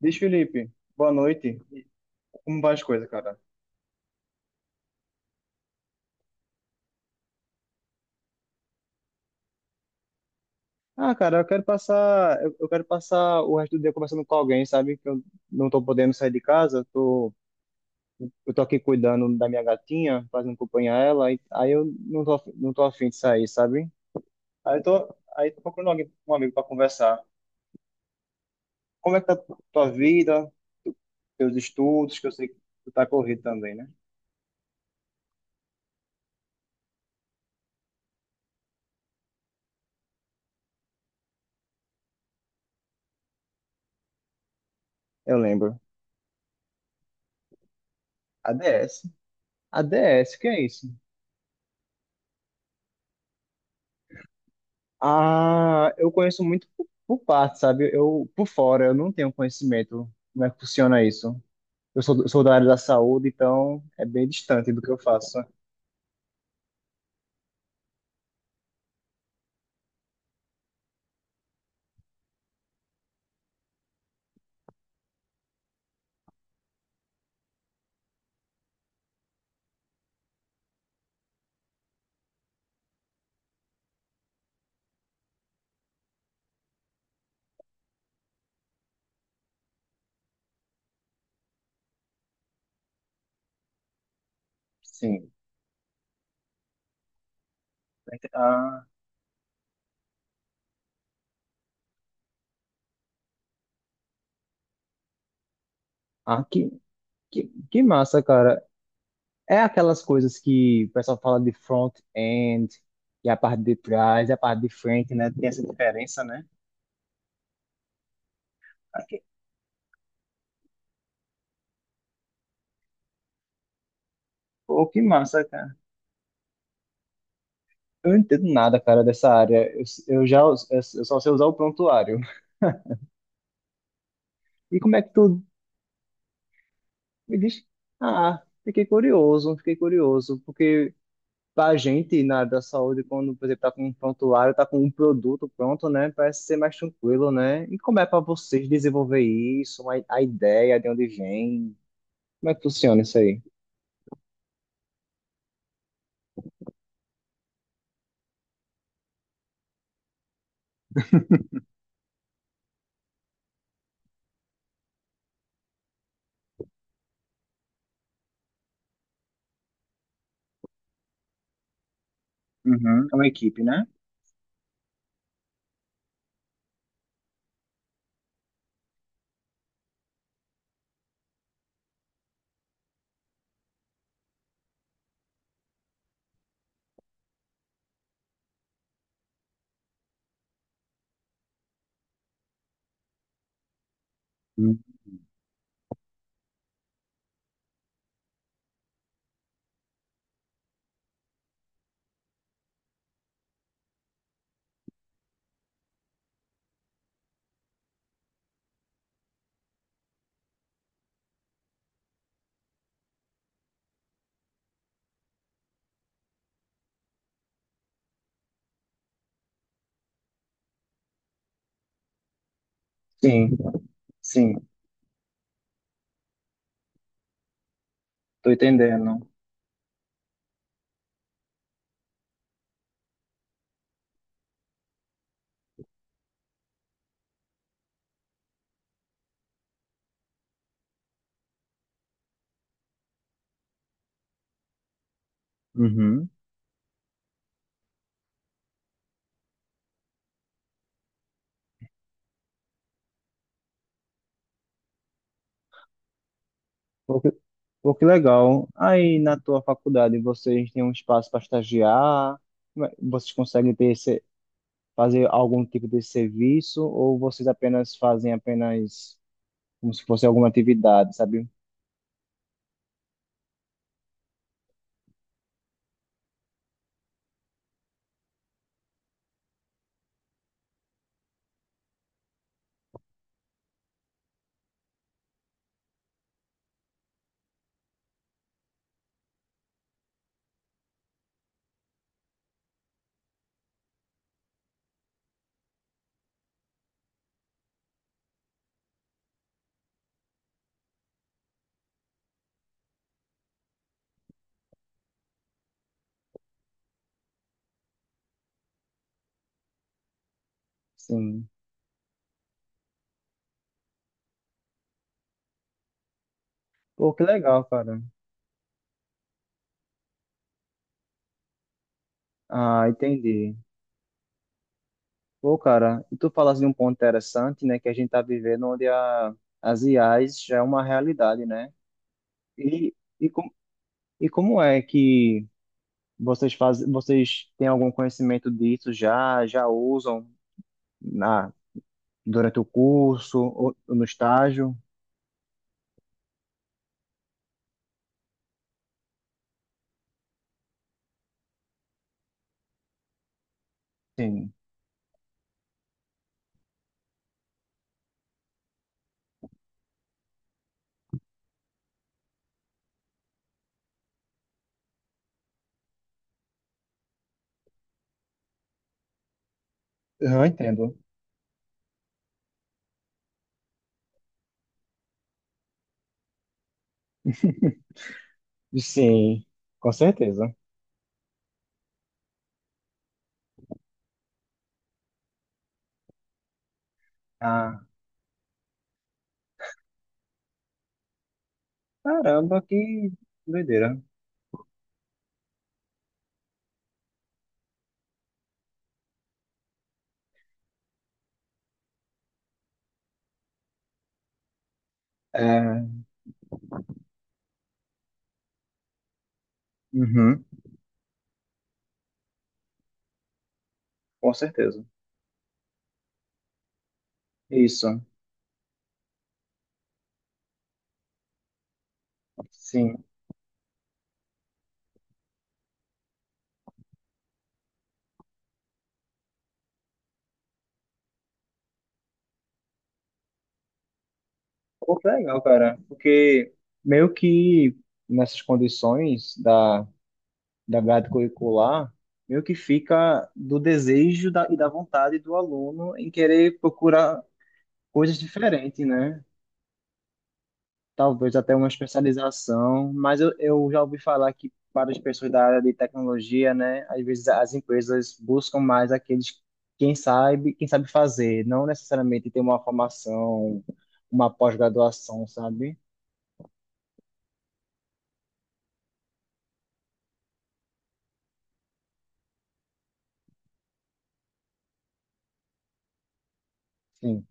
Diz, Felipe, boa noite. Como vão as coisas, cara? Ah, cara, eu quero passar o resto do dia conversando com alguém, sabe? Que eu não tô podendo sair de casa. Eu tô aqui cuidando da minha gatinha, fazendo companhia a ela, aí eu não tô afim de sair, sabe? Aí tô procurando alguém, um amigo para conversar. Como é que tá tua vida, teus estudos, que eu sei que tu tá corrido também, né? Eu lembro. ADS. ADS, o que é isso? Ah, eu conheço muito por parte, sabe? Eu por fora, eu não tenho conhecimento como é que funciona isso. Sou da área da saúde, então é bem distante do que eu faço. Sim. Ah, ah, que, que massa, cara. É aquelas coisas que o pessoal fala de front-end, e a parte de trás, e a parte de frente, né? Tem essa diferença, né? Ah, que- Pô, que massa, cara. Eu não entendo nada, cara, dessa área. Eu só sei usar o prontuário. E como é que tu Me diz, ah, fiquei curioso, porque pra gente na da saúde, quando, por exemplo, tá com um prontuário, tá com um produto pronto, né? Parece ser mais tranquilo, né? E como é pra vocês desenvolver isso, a ideia de onde vem? Como é que funciona isso aí? Uhum, é uma equipe, né? Uhum. Sim, sim, tô entendendo. Uhum. pô, que, Pô, que legal. Aí na tua faculdade vocês têm um espaço para estagiar? Como é- Vocês conseguem ter esse, fazer algum tipo de serviço ou vocês apenas fazem apenas como se fosse alguma atividade, sabe? Sim. Pô, que legal, cara. Ah, entendi. Pô, cara, e tu falas de um ponto interessante, né, que a gente tá vivendo onde as IAs já é uma realidade, né? E, e, com, e como é que vocês fazem, vocês têm algum conhecimento disso já, já usam na, durante o curso ou no estágio? Sim, eu entendo. Sim, com certeza. Ah, caramba, que doideira. É, uhum, com certeza. Isso, sim. Pô, que legal, cara. Porque meio que nessas condições da grade curricular, meio que fica do desejo da, e da vontade do aluno em querer procurar coisas diferentes, né? Talvez até uma especialização, mas eu já ouvi falar que para as pessoas da área de tecnologia, né, às vezes as empresas buscam mais aqueles quem sabe fazer, não necessariamente ter uma formação, uma pós-graduação, sabe? Sim.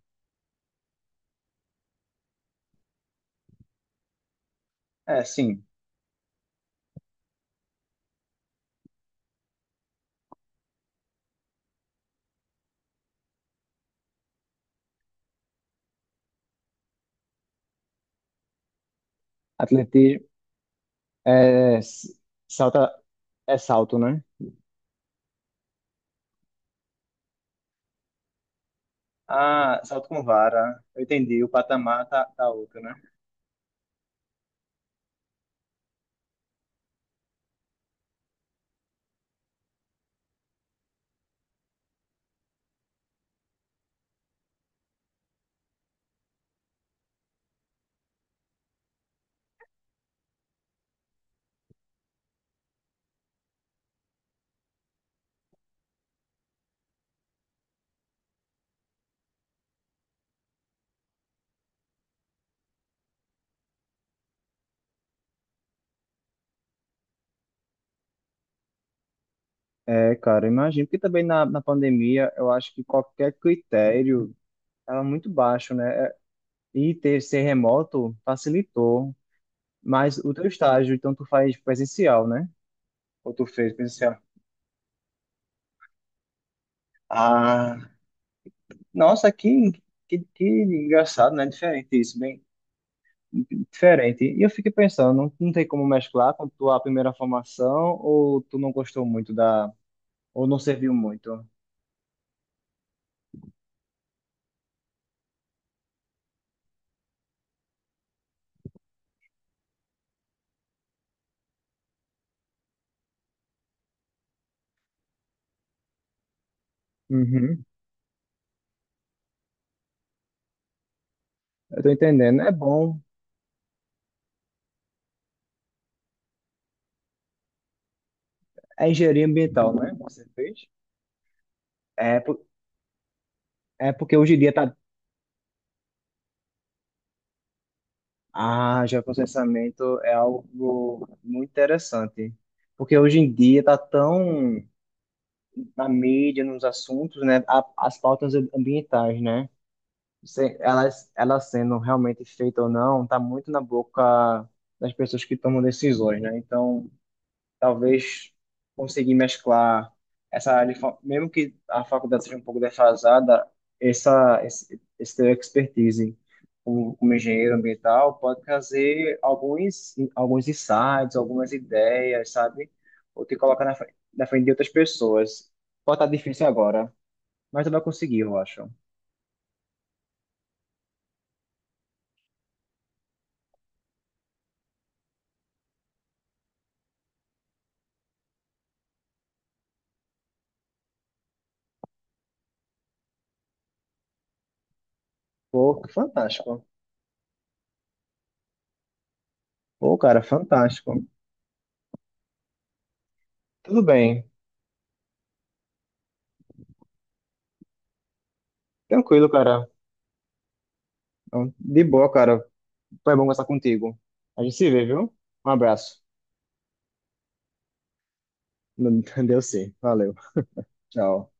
É, sim. Atletismo é s- salta é salto, né? Ah, salto com vara. Eu entendi. O patamar tá outro, né? É, cara, imagino que também na, na pandemia, eu acho que qualquer critério era muito baixo, né? E ter ser remoto facilitou, mas o teu estágio, então tu faz presencial, né? Ou tu fez presencial? Ah, nossa, que engraçado, né? Diferente isso, bem diferente. E eu fiquei pensando, não tem como mesclar com tua primeira formação ou tu não gostou muito da, ou não serviu muito? Uhum. Eu tô entendendo. É bom. É engenharia ambiental, né? Você fez? É, por- É porque hoje em dia tá Ah, geoprocessamento é algo muito interessante, porque hoje em dia está tão na mídia, nos assuntos, né, a- as pautas ambientais, né, se- elas sendo realmente feitas ou não, está muito na boca das pessoas que tomam decisões, né, então talvez conseguir mesclar essa área, de fa- mesmo que a faculdade seja um pouco defasada, esse teu expertise como, como engenheiro ambiental pode trazer alguns insights, algumas ideias, sabe? Ou te colocar na, fre- na frente de outras pessoas. Pode estar difícil agora, mas tu vai conseguir, eu acho. Pô, fantástico. Pô, cara, fantástico. Tudo bem. Tranquilo, cara. Então, de boa, cara. Foi bom conversar contigo. A gente se vê, viu? Um abraço. Deu sim. Valeu. Tchau.